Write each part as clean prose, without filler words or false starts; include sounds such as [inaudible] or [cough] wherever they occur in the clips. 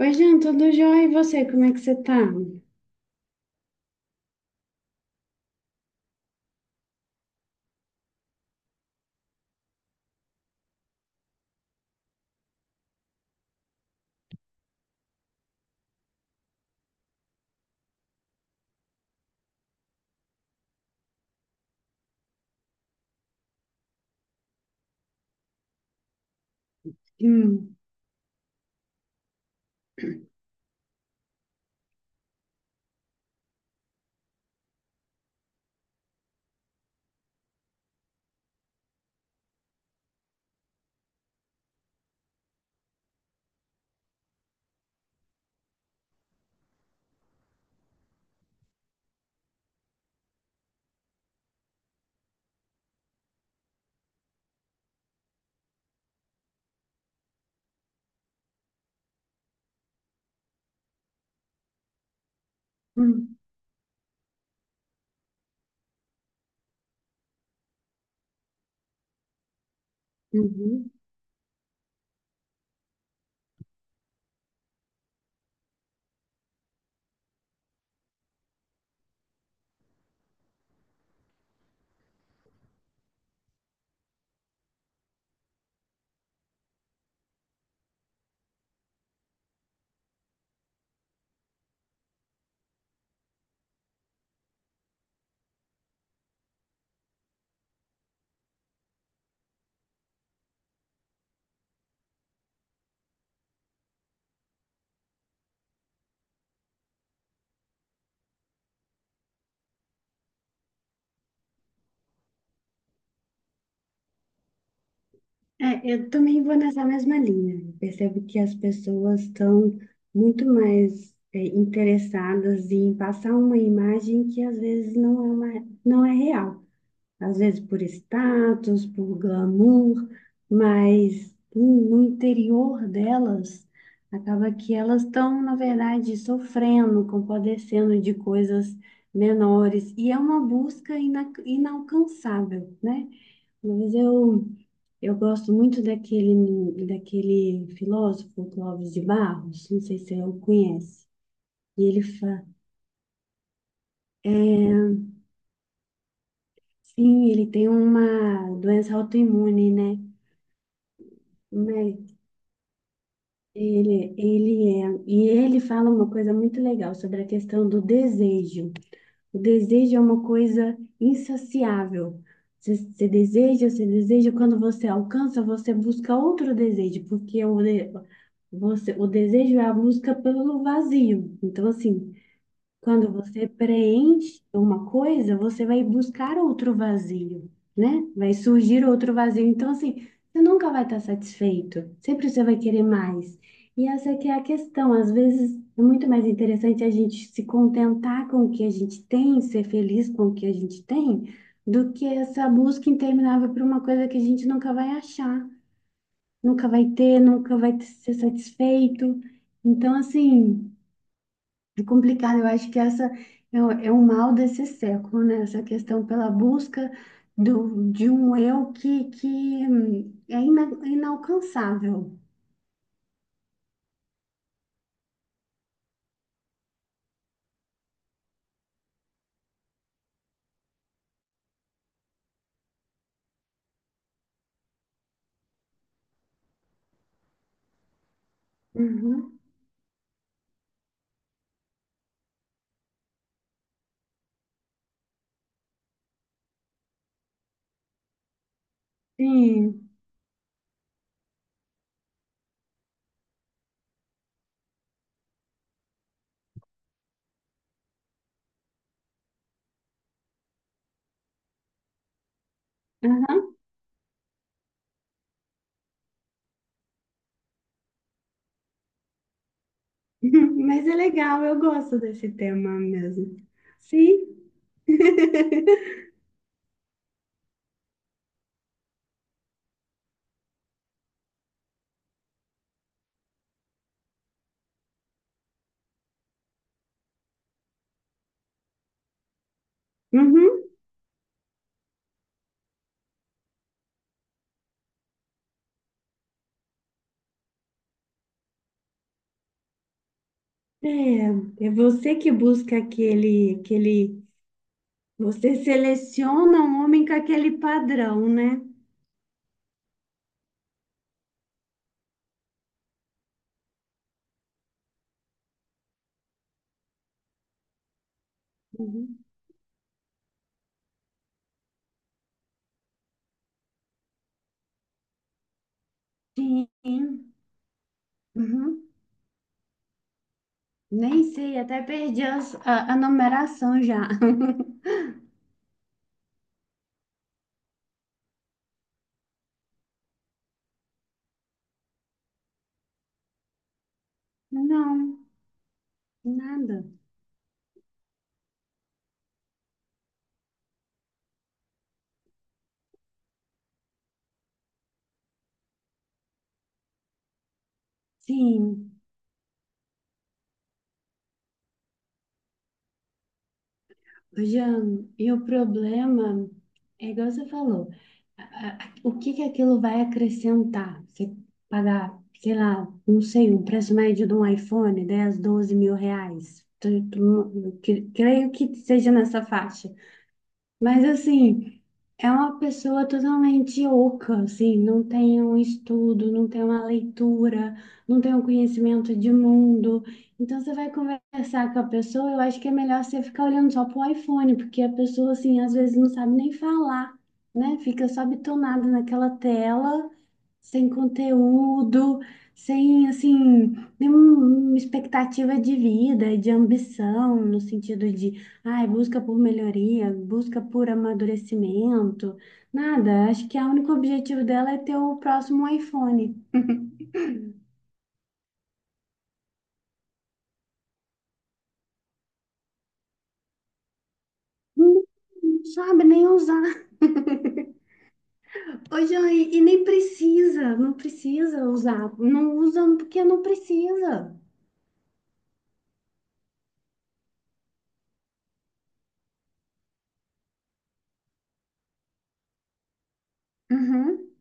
Oi, Jean, tudo jóia? E você, como é que você tá? Hum, hum, uhum. É, eu também vou nessa mesma linha. Eu percebo que as pessoas estão muito mais interessadas em passar uma imagem que às vezes não é real. Às vezes por status, por glamour, mas no interior delas, acaba que elas estão, na verdade, sofrendo, compadecendo de coisas menores, e é uma busca inalcançável, né? Mas eu gosto muito daquele filósofo Clóvis de Barros, não sei se eu conhece. e ele fa... é, Sim, ele tem uma doença autoimune, né? Né? E ele fala uma coisa muito legal sobre a questão do desejo. O desejo é uma coisa insaciável. Você deseja, você deseja, quando você alcança, você busca outro desejo, porque o desejo é a busca pelo vazio. Então, assim, quando você preenche uma coisa, você vai buscar outro vazio, né? Vai surgir outro vazio. Então, assim, você nunca vai estar satisfeito. Sempre você vai querer mais. E essa que é a questão. Às vezes é muito mais interessante a gente se contentar com o que a gente tem, ser feliz com o que a gente tem, do que essa busca interminável por uma coisa que a gente nunca vai achar, nunca vai ter, nunca vai ser satisfeito. Então, assim. É complicado, eu acho que essa é o mal desse século, né? Essa questão pela busca de um eu que é inalcançável. Uhum. Sim, aham. [laughs] Mas é legal, eu gosto desse tema mesmo. Sim. [laughs] Uhum. É você que busca aquele, você seleciona um homem com aquele padrão, né? Uhum. Sim. Uhum. Nem sei, até perdi a numeração já. [laughs] Não, nada. Sim, ô, Jean, e o problema é igual você falou, o que que aquilo vai acrescentar? Você pagar, sei lá, não sei, um preço médio de um iPhone, 10 12 mil reais. Creio que seja nessa faixa. Mas assim, é uma pessoa totalmente oca, assim, não tem um estudo, não tem uma leitura, não tem um conhecimento de mundo. Então você vai conversar com a pessoa, eu acho que é melhor você ficar olhando só pro iPhone, porque a pessoa assim, às vezes não sabe nem falar, né? Fica só bitonada naquela tela sem conteúdo, sem, assim, nenhuma expectativa de vida, de ambição, no sentido de, ai, busca por melhoria, busca por amadurecimento, nada. Acho que o único objetivo dela é ter o próximo iPhone. Não sabe nem usar. [laughs] Ô, Jean, e nem precisa, não precisa usar. Não usa porque não precisa. Uhum.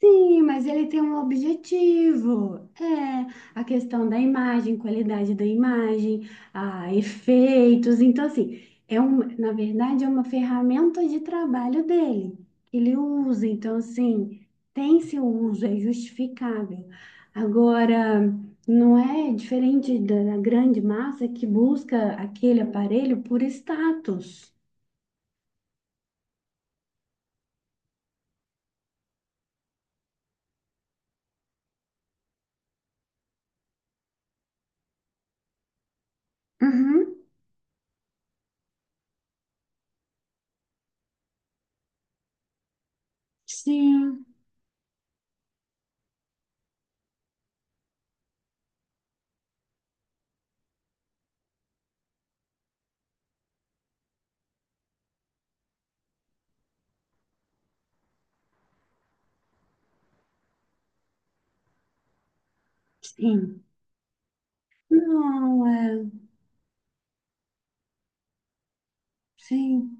Sim, mas ele tem um objetivo. É a questão da imagem, qualidade da imagem, a efeitos. Então, assim, na verdade, é uma ferramenta de trabalho dele que ele usa, então, assim, tem seu uso, é justificável. Agora, não é diferente da grande massa que busca aquele aparelho por status. Uhum, sim, sim. Não, é. Sim.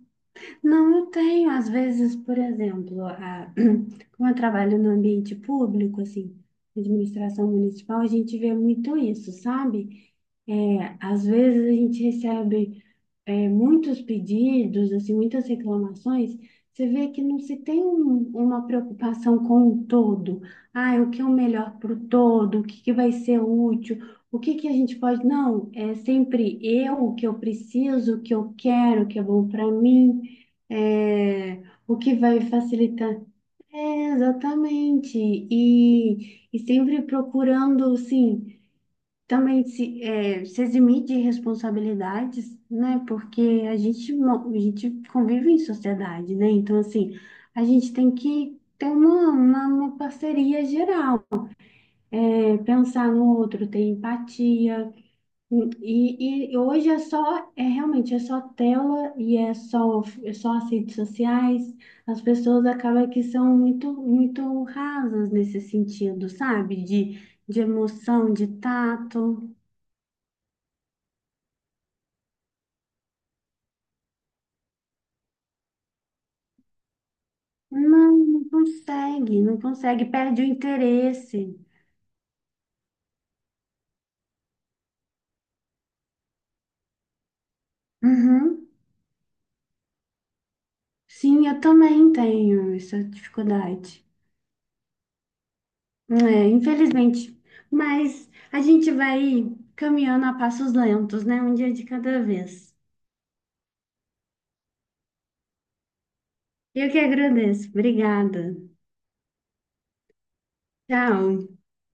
Não, eu tenho. Às vezes, por exemplo, [clears throat] como eu trabalho no ambiente público, assim, administração municipal, a gente vê muito isso, sabe? É, às vezes a gente recebe muitos pedidos, assim, muitas reclamações, você vê que não se tem uma preocupação com o todo. Ah, o que é o melhor para o todo? O que que vai ser útil? O que que a gente pode. Não, é sempre eu, o que eu preciso, o que eu quero, o que é bom para mim, é, o que vai facilitar. É, exatamente. E sempre procurando, sim também se eximir de responsabilidades, né? Porque a gente convive em sociedade, né? Então, assim, a gente tem que ter uma parceria geral, pensar no outro, ter empatia. E hoje é realmente, é só tela e é só as redes sociais. As pessoas acabam que são muito, muito rasas nesse sentido, sabe? De emoção, de tato. Não, não consegue, não consegue, perde o interesse. Uhum. Sim, eu também tenho essa dificuldade. É, infelizmente. Mas a gente vai caminhando a passos lentos, né? Um dia de cada vez. Eu que agradeço. Obrigada. Tchau.